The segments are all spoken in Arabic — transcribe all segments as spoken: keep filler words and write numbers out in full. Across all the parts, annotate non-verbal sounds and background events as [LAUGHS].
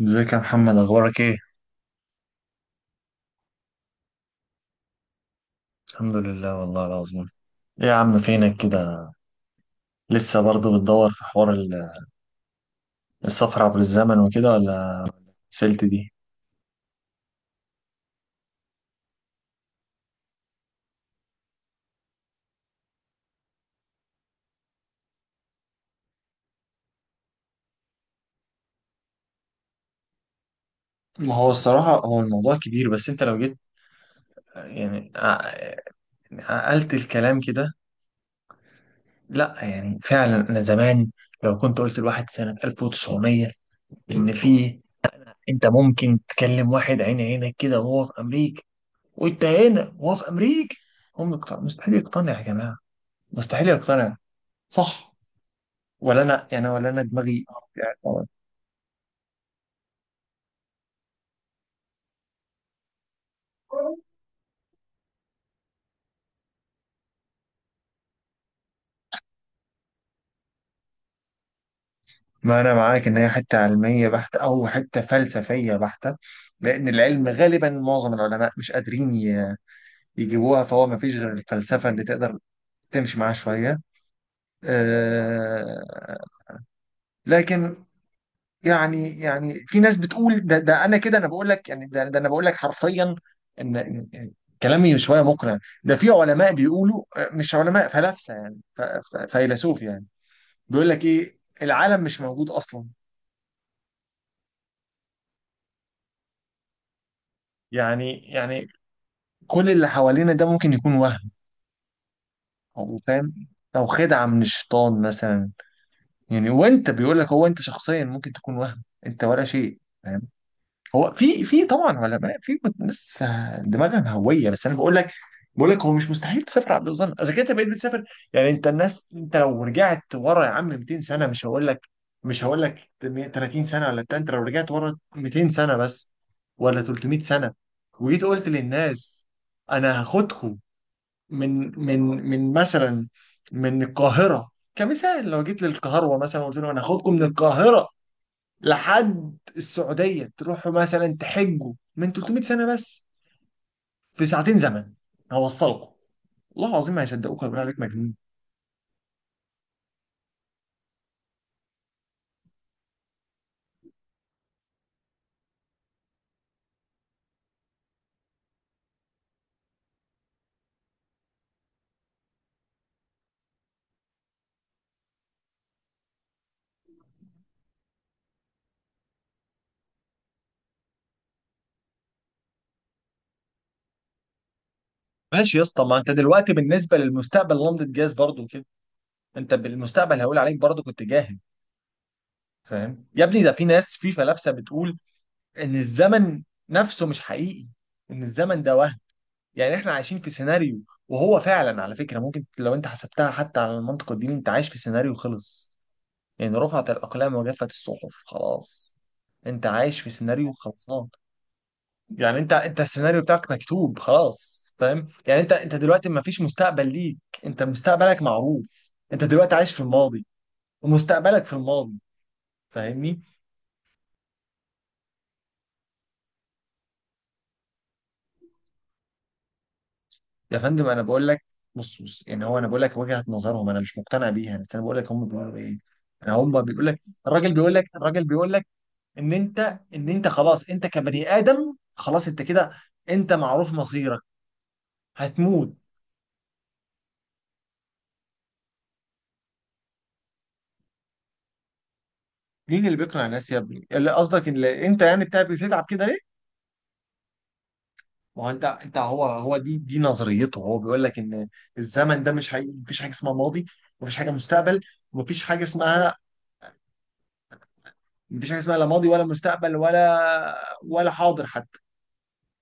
ازيك يا محمد؟ اخبارك ايه؟ الحمد لله والله العظيم. ايه يا عم، فينك كده؟ لسه برضه بتدور في حوار ال- السفر عبر الزمن وكده، ولا سلت دي؟ ما هو الصراحة هو الموضوع كبير، بس انت لو جيت يعني ع- عقلت الكلام كده. لا يعني فعلا، انا زمان لو كنت قلت لواحد سنة ألف وتسعمية ان في، انت ممكن تكلم واحد عين عينك كده وهو في امريكا، وانت هنا وهو في امريكا، هم يقتنعوا- مستحيل يقتنع يا جماعة. مستحيل يقتنع، صح؟ ولا انا يعني، ولا انا دماغي. يعني طبعا. ما انا معاك ان هي حته علميه بحته او حته فلسفيه بحته، لان العلم غالبا معظم العلماء مش قادرين ي- يجيبوها، فهو ما فيش غير الفلسفه اللي تقدر تمشي معاها شويه. أه، لكن، يعني يعني في ناس بتقول ده, ده انا كده، انا بقول لك يعني، ده, ده انا بقول لك حرفيا ان إن كلامي شويه مقنع. ده في علماء بيقولوا، آه، مش علماء، فلاسفه يعني، ف- ف- فيلسوف يعني، بيقول لك ايه؟ العالم مش موجود اصلا. يعني يعني كل اللي حوالينا ده ممكن يكون وهم، او فاهم، او خدعه من الشيطان مثلا. يعني وانت بيقول لك، هو انت شخصيا ممكن تكون وهم انت ولا شيء، فاهم؟ هو في، في طبعا علماء، في ناس دماغها مهويه، بس انا بقول لك، بقول لك هو مش مستحيل تسافر عبد الوزن اذا كنت بقيت بتسافر يعني. انت الناس، انت لو رجعت ورا يا عم ميتين سنه، مش هقول لك مش هقول لك تلاتين سنه ولا بتاع، انت لو رجعت ورا ميتين سنه بس، ولا تلتمية سنه، وجيت قلت للناس انا هاخدكم من من من مثلا، من القاهره كمثال. لو جيت للقاهره مثلا وقلت لهم انا هاخدكم من القاهره لحد السعودية تروحوا مثلا تحجوا، من تلتمية سنة بس في ساعتين زمن هوصلكم، والله العظيم ما هيصدقوك، هيقولوا عليك مجنون. ماشي يا اسطى. ما انت دلوقتي بالنسبة للمستقبل لمضة جاز برضو كده، انت بالمستقبل هيقول عليك برضو كنت جاهل. فاهم يا ابني؟ ده في ناس، في فلاسفة، بتقول ان الزمن نفسه مش حقيقي، ان الزمن ده وهم. يعني احنا عايشين في سيناريو، وهو فعلا على فكرة ممكن لو انت حسبتها حتى على المنطق الديني، انت عايش في سيناريو خلص. إن رفعت الأقلام وجفت الصحف خلاص، أنت عايش في سيناريو خلصان. يعني أنت أنت السيناريو بتاعك مكتوب خلاص، فاهم يعني؟ أنت أنت دلوقتي ما فيش مستقبل ليك، أنت مستقبلك معروف، أنت دلوقتي عايش في الماضي، ومستقبلك في الماضي. فاهمني يا فندم؟ أنا بقول لك، بص بص، يعني هو أنا بقول لك وجهة نظرهم، أنا مش مقتنع بيها، بس أنا بقول لك هم بيقولوا إيه. أنا هم بيقول لك، الراجل بيقول لك الراجل بيقول لك إن أنت إن أنت خلاص، أنت كبني آدم خلاص، أنت كده، أنت معروف مصيرك، هتموت. مين اللي بيقنع الناس يا ابني؟ اللي قصدك ان انت يعني بتاع بتتعب كده ليه؟ ما هو انت انت هو هو دي دي نظريته. هو بيقول لك ان الزمن ده مش حقيقي، مفيش حاجه اسمها ماضي، مفيش حاجه مستقبل، مفيش حاجه اسمها مفيش حاجه اسمها لا ماضي ولا مستقبل ولا ولا حاضر حتى.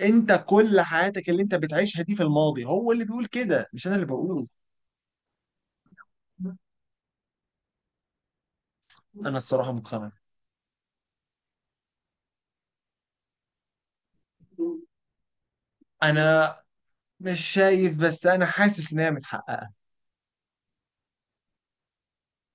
انت كل حياتك اللي انت بتعيشها دي في الماضي، هو اللي بيقول كده مش انا اللي بقوله. انا الصراحه مقتنع. انا مش شايف، بس انا حاسس ان هي متحققه.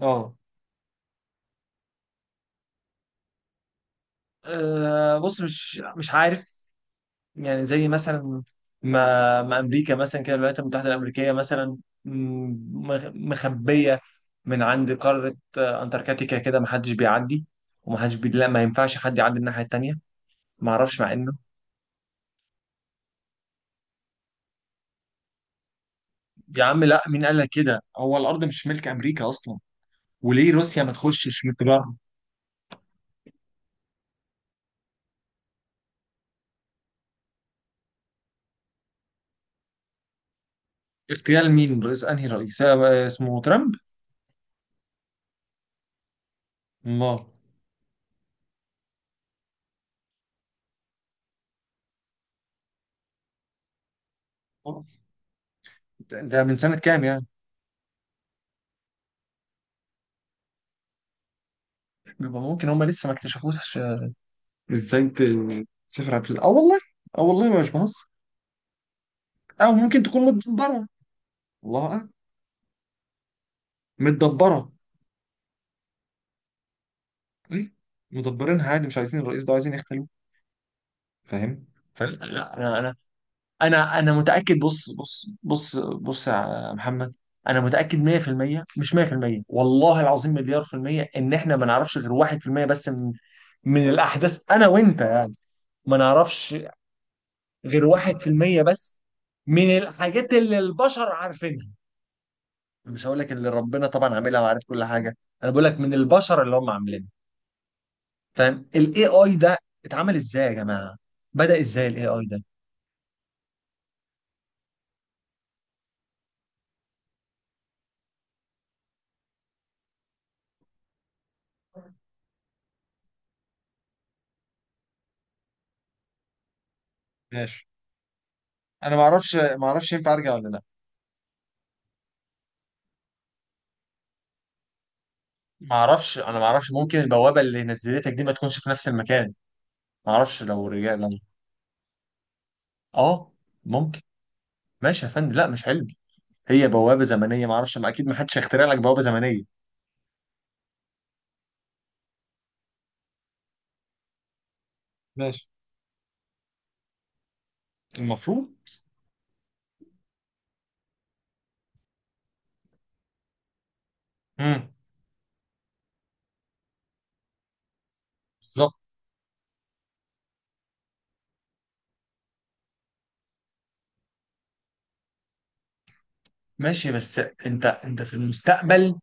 اه. آه، بص مش مش عارف، يعني زي مثلا ما ما امريكا مثلا كده، الولايات المتحده الامريكيه مثلا، م- مخبيه من عند قاره، آه، انتاركتيكا كده، ما حدش بيعدي، وما حدش بي... لا ما ينفعش حد يعدي الناحيه التانيه. ما اعرفش مع انه. يا عم لا، مين قال لك كده؟ هو الارض مش ملك امريكا اصلا، وليه روسيا ما تخشش متجرد؟ اغتيال مين؟ رئيس؟ انهي رئيس؟ آه، اسمه ترامب؟ الله. ده ده من سنه كام يعني؟ بيبقى ممكن هم لسه ما اكتشفوش، آه، ازاي ت- تسافر عبر- اه والله، اه والله ما مش بهزر. او ممكن تكون متدبره. الله اعلم. متدبره. إيه؟ مدبرينها عادي، مش عايزين الرئيس ده، عايزين يختلوه، فاهم؟ فلا لا، انا انا انا انا متاكد، بص بص بص بص يا محمد، انا متاكد مية في المية. مش مية في المية، والله العظيم مليار في المية ان احنا ما نعرفش غير واحد في المية بس من من الاحداث، انا وانت يعني، ما نعرفش غير واحد في المية بس من الحاجات اللي البشر عارفينها. مش هقول لك اللي ربنا طبعا عاملها وعارف كل حاجه، انا بقول لك من البشر اللي هم عاملينها. فاهم الاي اي ده اتعمل ازاي يا جماعه؟ بدأ ازاي الاي اي ده؟ ماشي. انا ما اعرفش، ما اعرفش ينفع ارجع ولا لا. ما اعرفش انا ما اعرفش، ممكن البوابه اللي نزلتك دي ما تكونش في نفس المكان، ما اعرفش لو رجع لنا. اه ممكن. ماشي يا فندم، لا مش حلم، هي بوابه زمنيه، ما اعرفش، ما اكيد ما حدش هيخترع لك بوابه زمنيه. ماشي المفروض. امم. بالظبط. ماشي بس انت انت في المستقبل،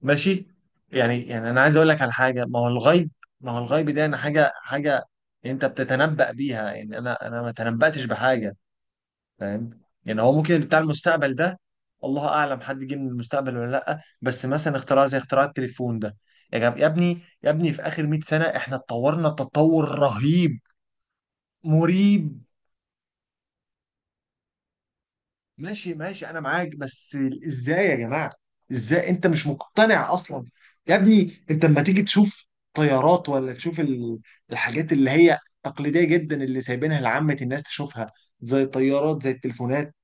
ماشي، يعني يعني انا عايز اقول لك على حاجه. ما هو الغيب؟ ما هو الغيب ده؟ انا حاجه، حاجه انت بتتنبأ بيها، يعني انا انا ما تنبأتش بحاجه. فاهم يعني؟ هو ممكن بتاع المستقبل ده، الله اعلم، حد جه من المستقبل ولا لا؟ بس مثلا اختراع زي اختراع التليفون ده، يا جب يا ابني، يا ابني في اخر مية سنه احنا اتطورنا تطور رهيب مريب. ماشي ماشي، انا معاك، بس ازاي يا جماعه؟ ازاي انت مش مقتنع اصلا؟ يا ابني انت لما تيجي تشوف طيارات، ولا تشوف ال- الحاجات اللي هي تقليديه جدا اللي سايبينها لعامه الناس تشوفها، زي الطيارات، زي التليفونات،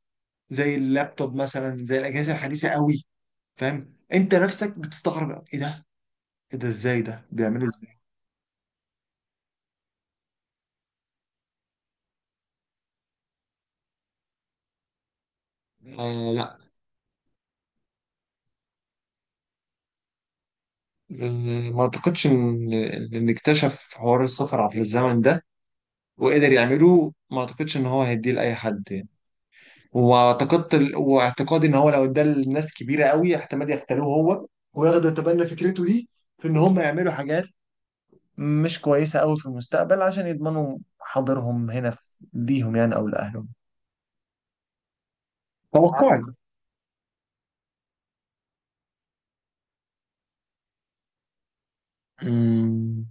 زي اللابتوب مثلا، زي الاجهزه الحديثه قوي. فاهم انت نفسك بتستغرب؟ ايه ده، ايه ده، ازاي ده بيعملوا ازاي؟ آه لا. آه، ما اعتقدش ان ان اكتشف حوار السفر عبر الزمن ده وقدر يعمله، ما اعتقدش ان هو هيديه لاي حد. واعتقدت واعتقادي ان هو لو ادى لناس كبيره قوي احتمال يختاروه هو، وياخدوا يتبنى فكرته دي، في ان هم يعملوا حاجات مش كويسه قوي في المستقبل عشان يضمنوا حاضرهم هنا، في ليهم يعني او لاهلهم، توقعي. أمم،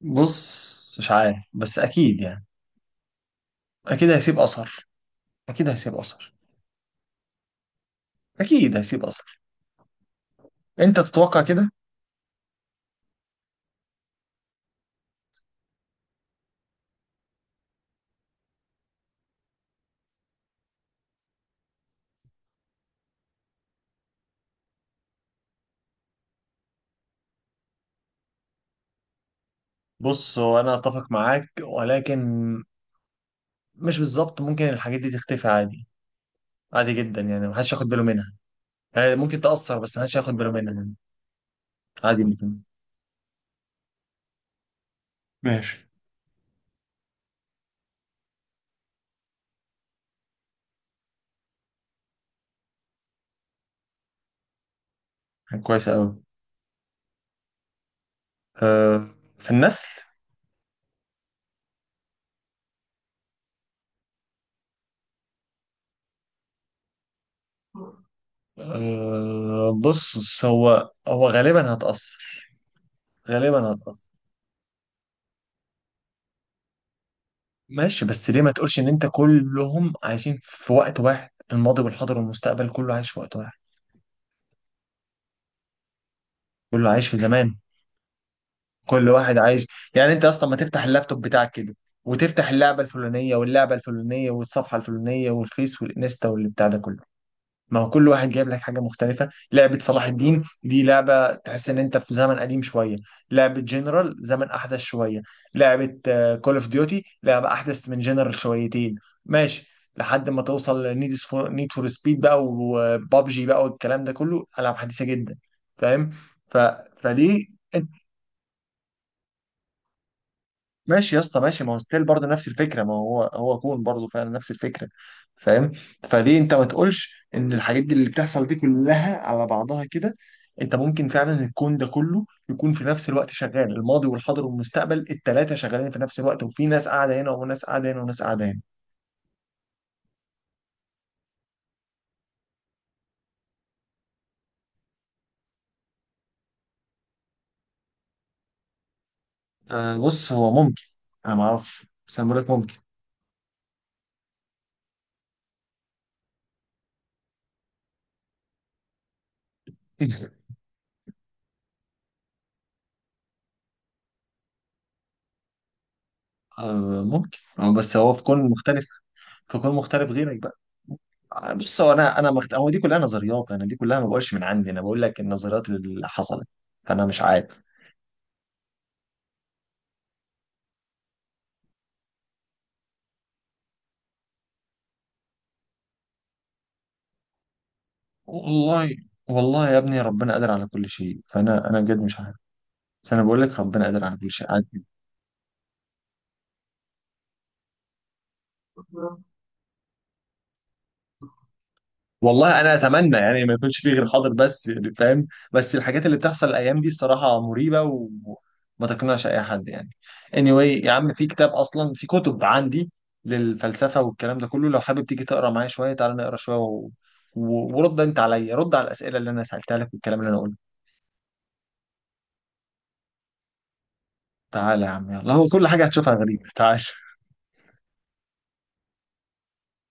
بص مش عارف، بس اكيد يعني، اكيد هيسيب اثر، اكيد هيسيب اثر، اكيد هيسيب اثر. انت تتوقع كده. بص هو انا اتفق معاك ولكن مش بالظبط، ممكن الحاجات دي تختفي عادي، عادي جدا، يعني محدش ياخد باله منها. آه، ممكن تأثر، بس أنا مش هاخد باله منها يعني. عادي الاتنين. ماشي. كويسة أوي. آه، في النسل. آه، بص هو هو غالبا هتأثر، غالبا هتأثر. ماشي، بس ليه ما تقولش إن أنت كلهم عايشين في وقت واحد، الماضي والحاضر والمستقبل كله عايش في وقت واحد، كله عايش في زمان، كل واحد عايش. يعني أنت أصلا ما تفتح اللابتوب بتاعك كده وتفتح اللعبة الفلانية واللعبة الفلانية والصفحة الفلانية والفيس والإنستا والبتاع ده كله، ما هو كل واحد جايب لك حاجه مختلفه، لعبه صلاح الدين دي لعبه تحس ان انت في زمن قديم شويه، لعبه جنرال زمن احدث شويه، لعبه كول اوف ديوتي لعبه احدث من جنرال شويتين. ماشي، لحد ما توصل نيد فور نيد فور سبيد بقى، وبابجي بقى، والكلام ده كله العاب حديثه جدا، فاهم؟ ف... فليه؟ ماشي يا اسطى، ماشي، ما هو ستيل برضه نفس الفكره، ما هو هو كون برضه فعلا نفس الفكره، فاهم؟ فليه انت ما تقولش ان الحاجات دي اللي بتحصل دي كلها على بعضها كده؟ انت ممكن فعلا الكون ده كله يكون في نفس الوقت شغال الماضي والحاضر والمستقبل، الثلاثه شغالين في نفس الوقت، وفي ناس قاعده هنا، وناس قاعده هنا، وناس قاعده هنا. آه بص هو ممكن، انا ما اعرفش بس انا بقول لك ممكن. [LAUGHS] آه ممكن، آه، بس هو في كون مختلف، في كون مختلف غيرك بقى. آه، بص هو انا انا مخت... هو دي كلها نظريات، انا دي كلها ما بقولش من عندي، انا بقول لك النظريات اللي حصلت، فانا مش عارف. والله، والله يا ابني ربنا قادر على كل شيء، فانا انا بجد مش عارف، بس انا بقول لك ربنا قادر على كل شيء. عادي. والله انا اتمنى يعني ما يكونش فيه غير حاضر بس، يعني فاهم؟ بس الحاجات اللي بتحصل الايام دي الصراحه مريبه وما تقنعش اي حد يعني. Anyway يا عم، في كتاب، اصلا في كتب عندي للفلسفه والكلام ده كله، لو حابب تيجي تقرا معايا شويه، تعالى نقرا شويه، و... و... ورد انت عليا، رد على الاسئله اللي انا سالتها لك والكلام اللي انا قلته. تعالى يا عم، يلا، هو كل حاجه هتشوفها غريبه، تعالى.